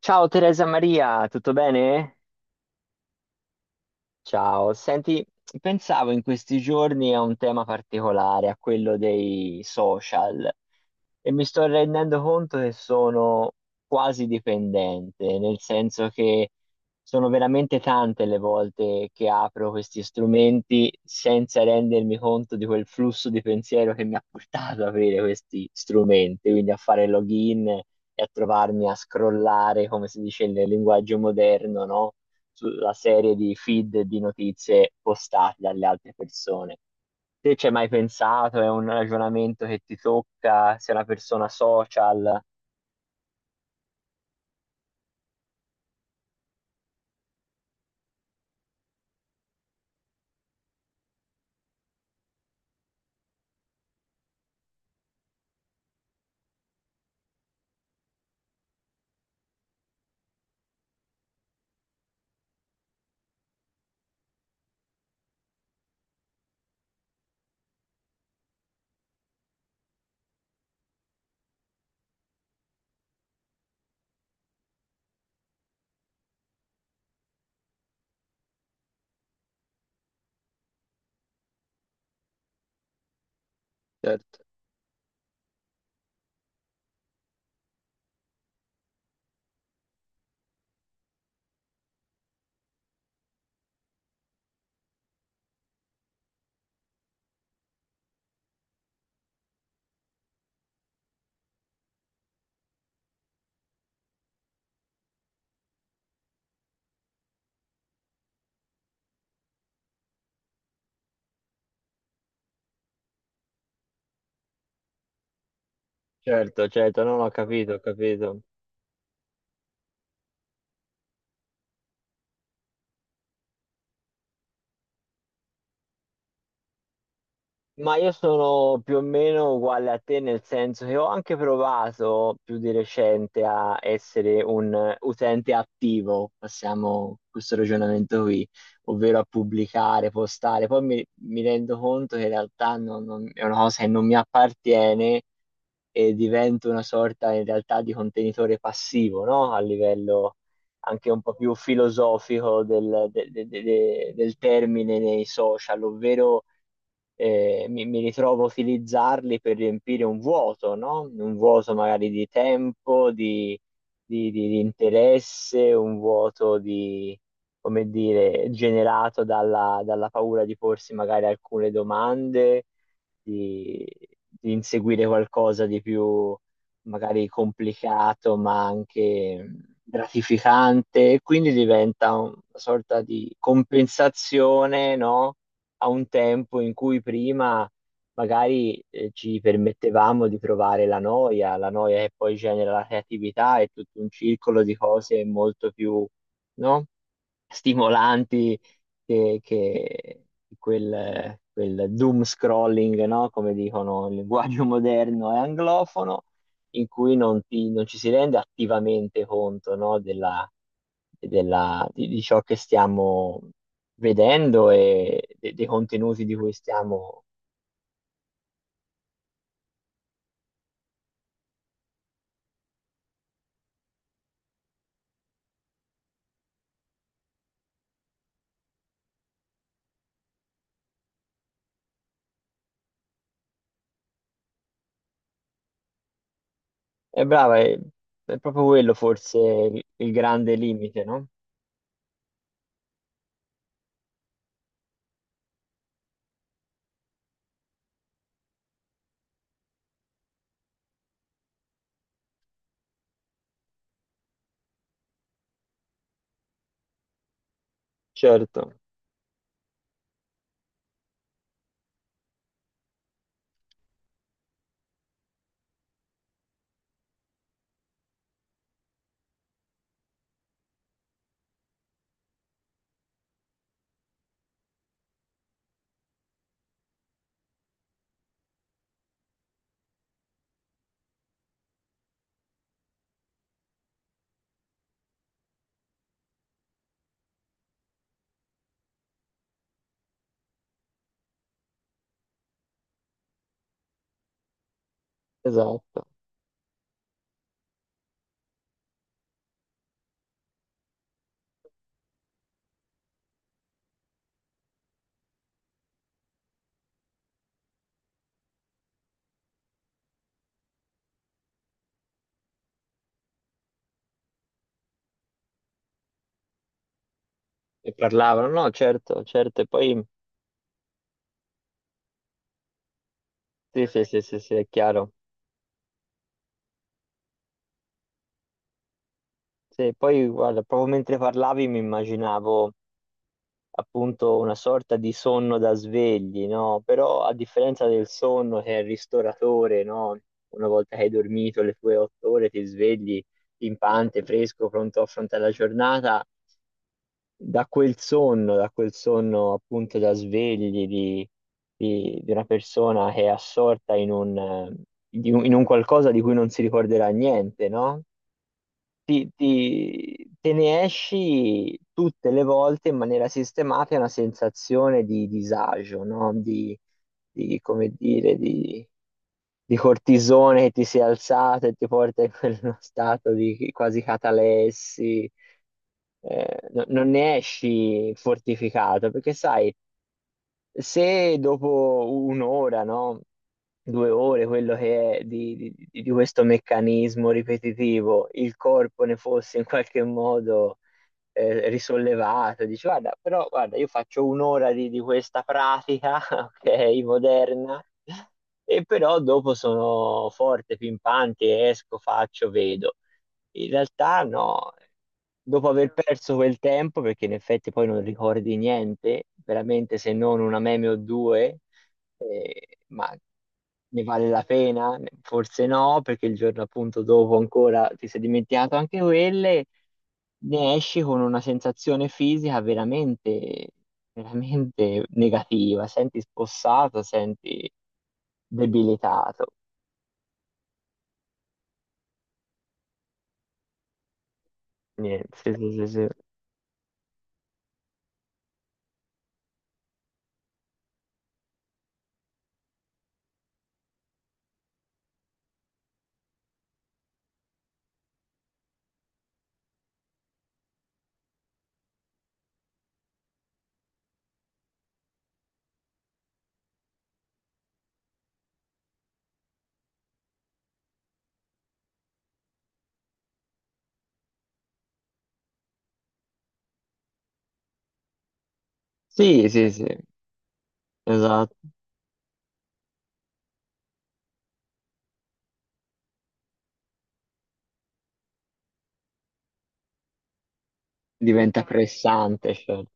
Ciao Teresa Maria, tutto bene? Ciao, senti, pensavo in questi giorni a un tema particolare, a quello dei social, e mi sto rendendo conto che sono quasi dipendente, nel senso che sono veramente tante le volte che apro questi strumenti senza rendermi conto di quel flusso di pensiero che mi ha portato ad avere questi strumenti, quindi a fare login e a trovarmi a scrollare, come si dice nel linguaggio moderno, no? Sulla serie di feed di notizie postate dalle altre persone. Te ci hai mai pensato? È un ragionamento che ti tocca? Sei una persona social? Certo. Certo, certo, non ho capito, ho capito. Ma io sono più o meno uguale a te, nel senso che ho anche provato più di recente a essere un utente attivo, passiamo questo ragionamento qui, ovvero a pubblicare, postare. Poi mi rendo conto che in realtà è una cosa che non mi appartiene e divento una sorta in realtà di contenitore passivo, no? A livello anche un po' più filosofico del, del termine nei social, ovvero mi ritrovo a utilizzarli per riempire un vuoto, no? Un vuoto magari di tempo, di, di interesse, un vuoto di, come dire, generato dalla, dalla paura di porsi magari alcune domande, di, di inseguire qualcosa di più magari complicato, ma anche gratificante, e quindi diventa una sorta di compensazione, no? A un tempo in cui prima magari ci permettevamo di provare la noia che poi genera la creatività e tutto un circolo di cose molto più, no? Stimolanti che quel, quel doom scrolling, no? Come dicono il linguaggio moderno e anglofono in cui non ci si rende attivamente conto, no, della, di ciò che stiamo vedendo e dei contenuti di cui stiamo... È brava, è proprio quello forse il grande limite, no? Certo, esatto. E parlavano, no, certo, certo, e poi... Sì, sì, sì, sì, sì, è chiaro. Sì, poi guarda, proprio mentre parlavi mi immaginavo appunto una sorta di sonno da svegli, no? Però a differenza del sonno che è il ristoratore, no? Una volta che hai dormito le tue otto ore ti svegli pimpante, fresco, pronto a affrontare la giornata, da quel sonno appunto da svegli di, di una persona che è assorta in un, di in un qualcosa di cui non si ricorderà niente, no? Te ne esci tutte le volte in maniera sistematica una sensazione di disagio, no? Di, come dire, di cortisone che ti si è alzato e ti porta in quello stato di quasi catalessi. Non ne esci fortificato, perché sai, se dopo un'ora, no? Due ore, quello che è di, di questo meccanismo ripetitivo, il corpo ne fosse in qualche modo risollevato, dici guarda, però guarda, io faccio un'ora di questa pratica, ok, moderna, e però dopo sono forte, pimpante, esco, faccio, vedo. In realtà no, dopo aver perso quel tempo, perché in effetti poi non ricordi niente, veramente se non una meme o due, ma ne vale la pena? Forse no, perché il giorno appunto dopo ancora ti sei dimenticato anche quelle, ne esci con una sensazione fisica veramente, veramente negativa, senti spossato, senti debilitato. Niente, sì, sì, sì, sì. Sì, sì, sì, esatto, diventa pressante, certo.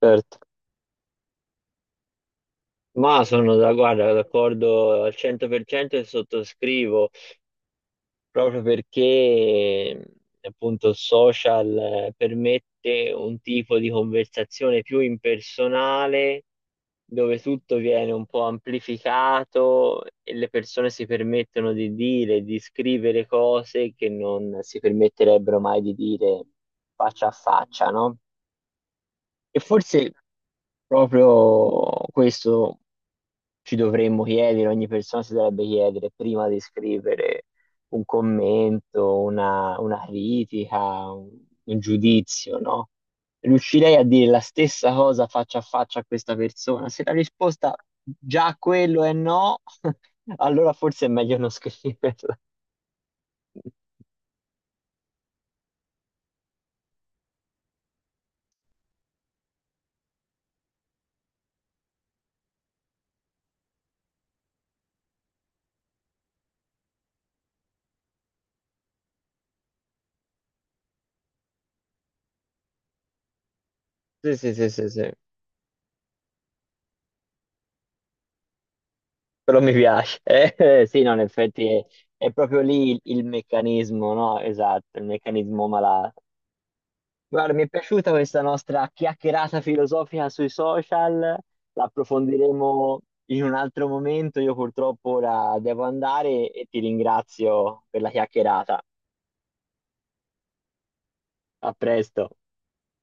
Certo. Ma sono da, guarda, d'accordo al 100% e sottoscrivo. Proprio perché appunto il social permette un tipo di conversazione più impersonale dove tutto viene un po' amplificato e le persone si permettono di dire, di scrivere cose che non si permetterebbero mai di dire faccia a faccia, no? E forse proprio questo ci dovremmo chiedere, ogni persona si dovrebbe chiedere prima di scrivere un commento, una critica, un giudizio, no? Riuscirei a dire la stessa cosa faccia a faccia a questa persona? Se la risposta già a quello è no, allora forse è meglio non scriverla. Sì, sì, sì, sì, sì. Però mi piace. Sì, no, in effetti è proprio lì il meccanismo, no? Esatto, il meccanismo malato. Guarda, mi è piaciuta questa nostra chiacchierata filosofica sui social, l'approfondiremo in un altro momento. Io purtroppo ora devo andare e ti ringrazio per la chiacchierata. A presto.